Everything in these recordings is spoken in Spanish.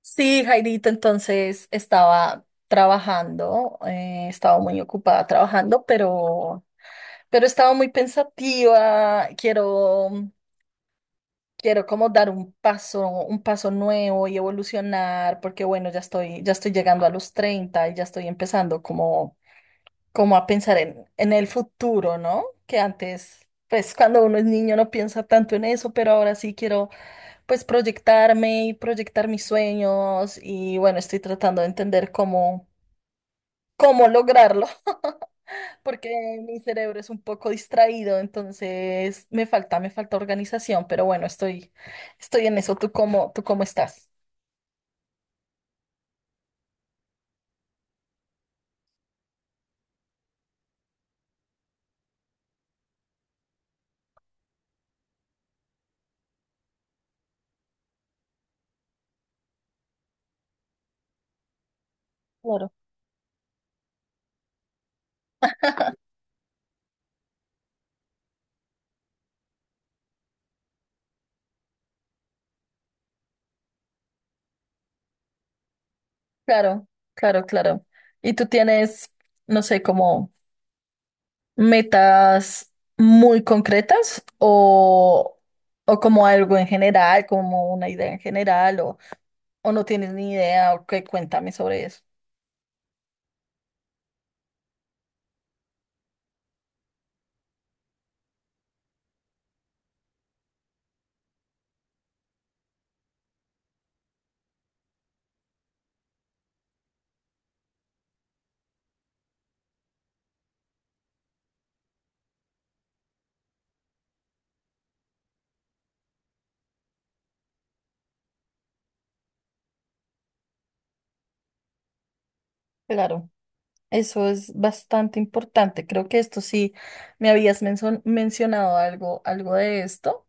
Sí, Jairito, entonces estaba trabajando, estaba muy ocupada trabajando, pero estaba muy pensativa. Quiero como dar un paso nuevo y evolucionar, porque bueno, ya estoy llegando a los 30 y ya estoy empezando como a pensar en el futuro, ¿no? Que antes, pues cuando uno es niño no piensa tanto en eso, pero ahora sí quiero pues proyectarme y proyectar mis sueños y bueno, estoy tratando de entender cómo lograrlo, porque mi cerebro es un poco distraído, entonces me falta organización, pero bueno, estoy en eso. Tú cómo estás? Claro. Claro, claro, claro. ¿Y tú tienes, no sé, cómo metas muy concretas o como algo en general, como una idea en general, o no tienes ni idea, o qué, cuéntame sobre eso. Claro, eso es bastante importante. Creo que esto sí me habías mencionado algo, algo de esto.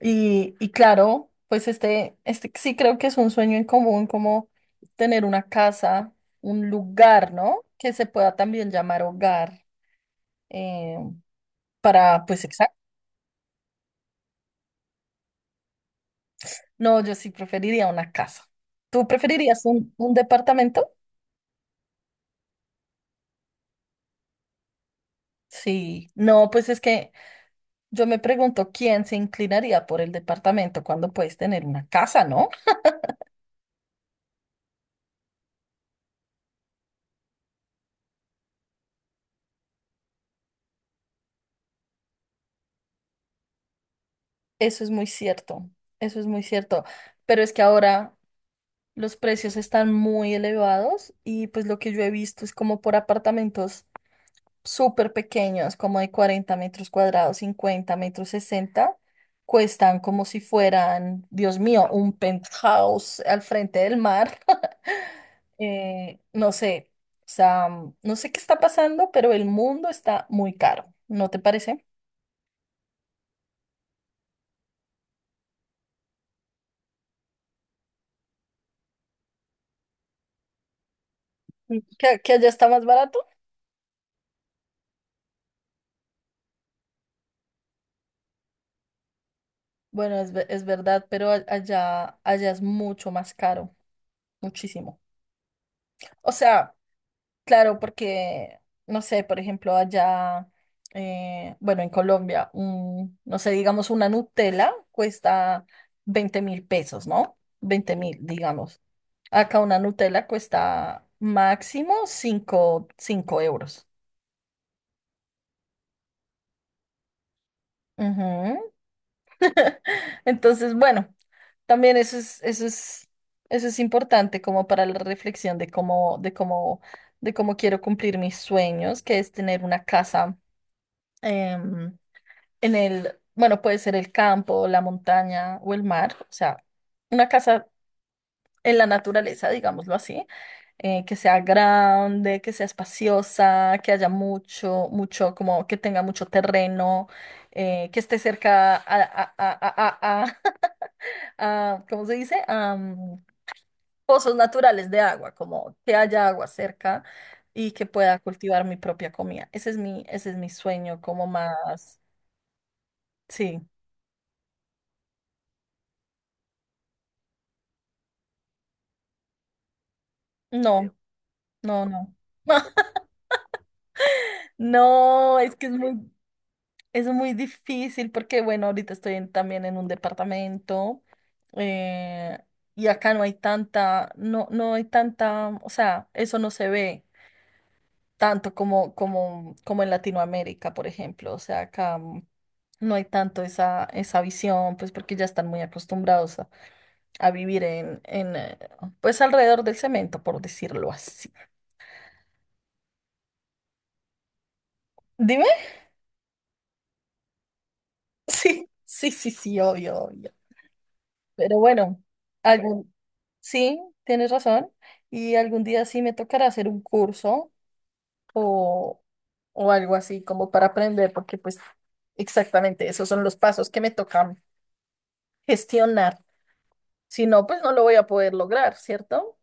Y claro, pues este sí creo que es un sueño en común, como tener una casa, un lugar, ¿no? Que se pueda también llamar hogar. em, para, pues, exacto. No, yo sí preferiría una casa. ¿Tú preferirías un departamento? Sí. No, pues es que yo me pregunto quién se inclinaría por el departamento cuando puedes tener una casa, ¿no? Eso es muy cierto, eso es muy cierto. Pero es que ahora los precios están muy elevados y pues lo que yo he visto es como por apartamentos súper pequeños, como de 40 metros cuadrados, 50 metros, 60, cuestan como si fueran, Dios mío, un penthouse al frente del mar. No sé, o sea, no sé qué está pasando, pero el mundo está muy caro, ¿no te parece? ¿Que allá está más barato? Bueno, es verdad, pero allá es mucho más caro, muchísimo. O sea, claro, porque, no sé, por ejemplo, allá, bueno, en Colombia, un, no sé, digamos, una Nutella cuesta 20.000 pesos, ¿no? 20.000, digamos. Acá una Nutella cuesta máximo 5 euros. Ujú. Entonces, bueno, también eso es importante como para la reflexión de de cómo quiero cumplir mis sueños, que es tener una casa. em, en el, bueno, puede ser el campo, la montaña o el mar, o sea, una casa en la naturaleza, digámoslo así, que sea grande, que sea espaciosa, que haya mucho, como que tenga mucho terreno, que esté cerca ¿cómo se dice? Pozos naturales de agua, como que haya agua cerca y que pueda cultivar mi propia comida. Ese es mi sueño, como más, sí, no. No, no. No, es que es muy difícil porque, bueno, ahorita también en un departamento, eh, y acá no hay tanta, o sea, eso no se ve tanto como en Latinoamérica, por ejemplo. O sea, acá no hay tanto esa, esa visión, pues porque ya están muy acostumbrados a vivir pues alrededor del cemento, por decirlo así. Dime. Sí, sí, sí, sí, obvio, obvio. Pero bueno, algún, sí, tienes razón. Y algún día sí me tocará hacer un curso o, o algo así como para aprender, porque pues exactamente esos son los pasos que me tocan gestionar. Si no, pues no lo voy a poder lograr, ¿cierto?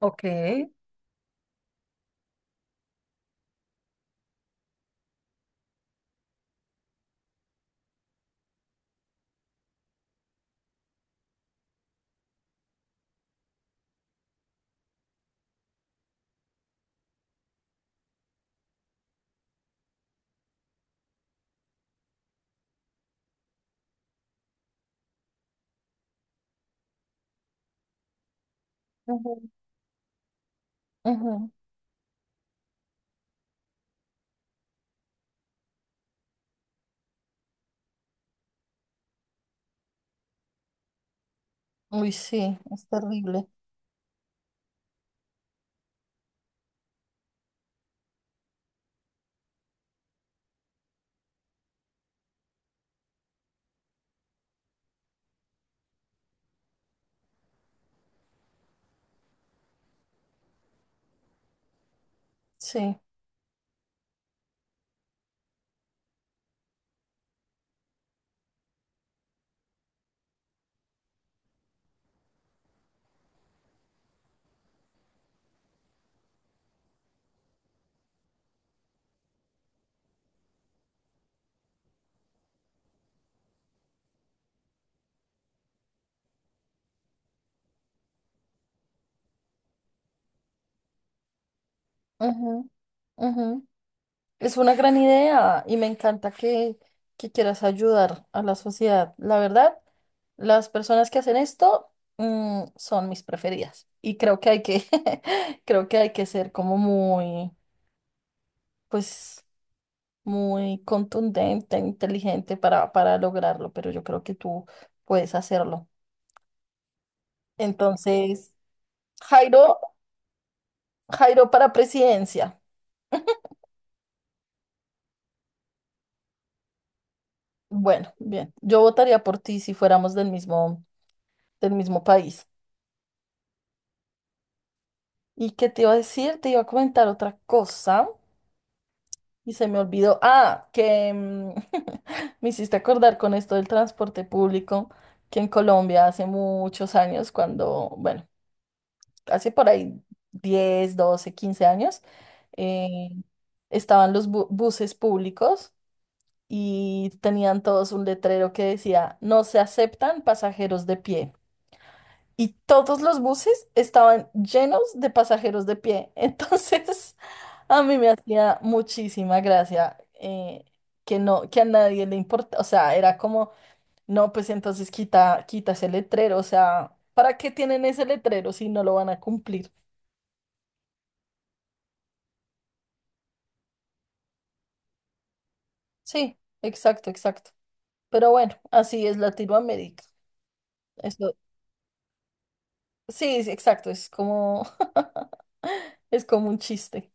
Ok. Ujú, ujú. Uy, sí, es terrible. Sí. Ujú, ujú. Es una gran idea y me encanta que quieras ayudar a la sociedad. La verdad, las personas que hacen esto, mm, son mis preferidas. Y creo que hay que, creo que hay que ser como muy, pues, muy contundente, inteligente para lograrlo, pero yo creo que tú puedes hacerlo. Entonces, Jairo, Jairo para presidencia. Bueno, bien, yo votaría por ti si fuéramos del mismo país. ¿Y qué te iba a decir? Te iba a comentar otra cosa y se me olvidó. Ah, que me hiciste acordar con esto del transporte público, que en Colombia hace muchos años, cuando, bueno, hace por ahí 10, 12, 15 años, eh, estaban los buses públicos y tenían todos un letrero que decía, no se aceptan pasajeros de pie, y todos los buses estaban llenos de pasajeros de pie. Entonces, a mí me hacía muchísima gracia que no, que a nadie le importa, o sea, era como, no, pues entonces quita, quita ese letrero, o sea, ¿para qué tienen ese letrero si no lo van a cumplir? Sí, exacto, exacto. Pero bueno, así es Latinoamérica. Eso, sí, sí, exacto, es como, es como un chiste.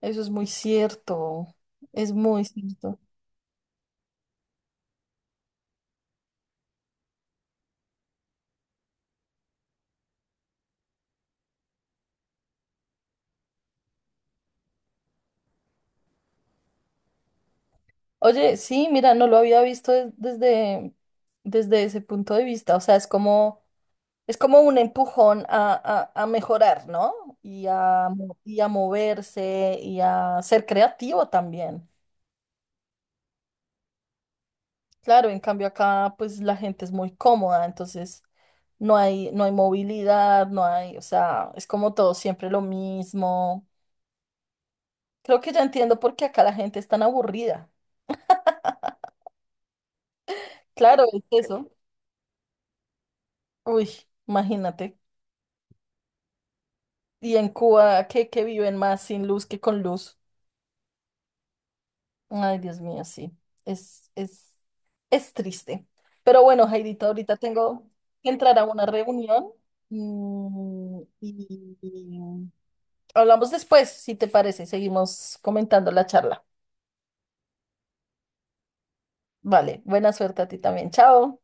Eso es muy cierto, es muy cierto. Oye, sí, mira, no lo había visto desde ese punto de vista. O sea, es como un empujón a mejorar, ¿no? Y a moverse y a ser creativo también. Claro, en cambio acá, pues la gente es muy cómoda, entonces no hay movilidad, no hay, o sea, es como todo siempre lo mismo. Creo que ya entiendo por qué acá la gente es tan aburrida. Claro, es eso. Uy, imagínate. Y en Cuba, que viven más sin luz que con luz. Ay, Dios mío, sí. Es, es, es triste. Pero bueno, Jairito, ahorita tengo que entrar a una reunión, y hablamos después, si te parece. Seguimos comentando la charla. Vale, buena suerte a ti también. Chao.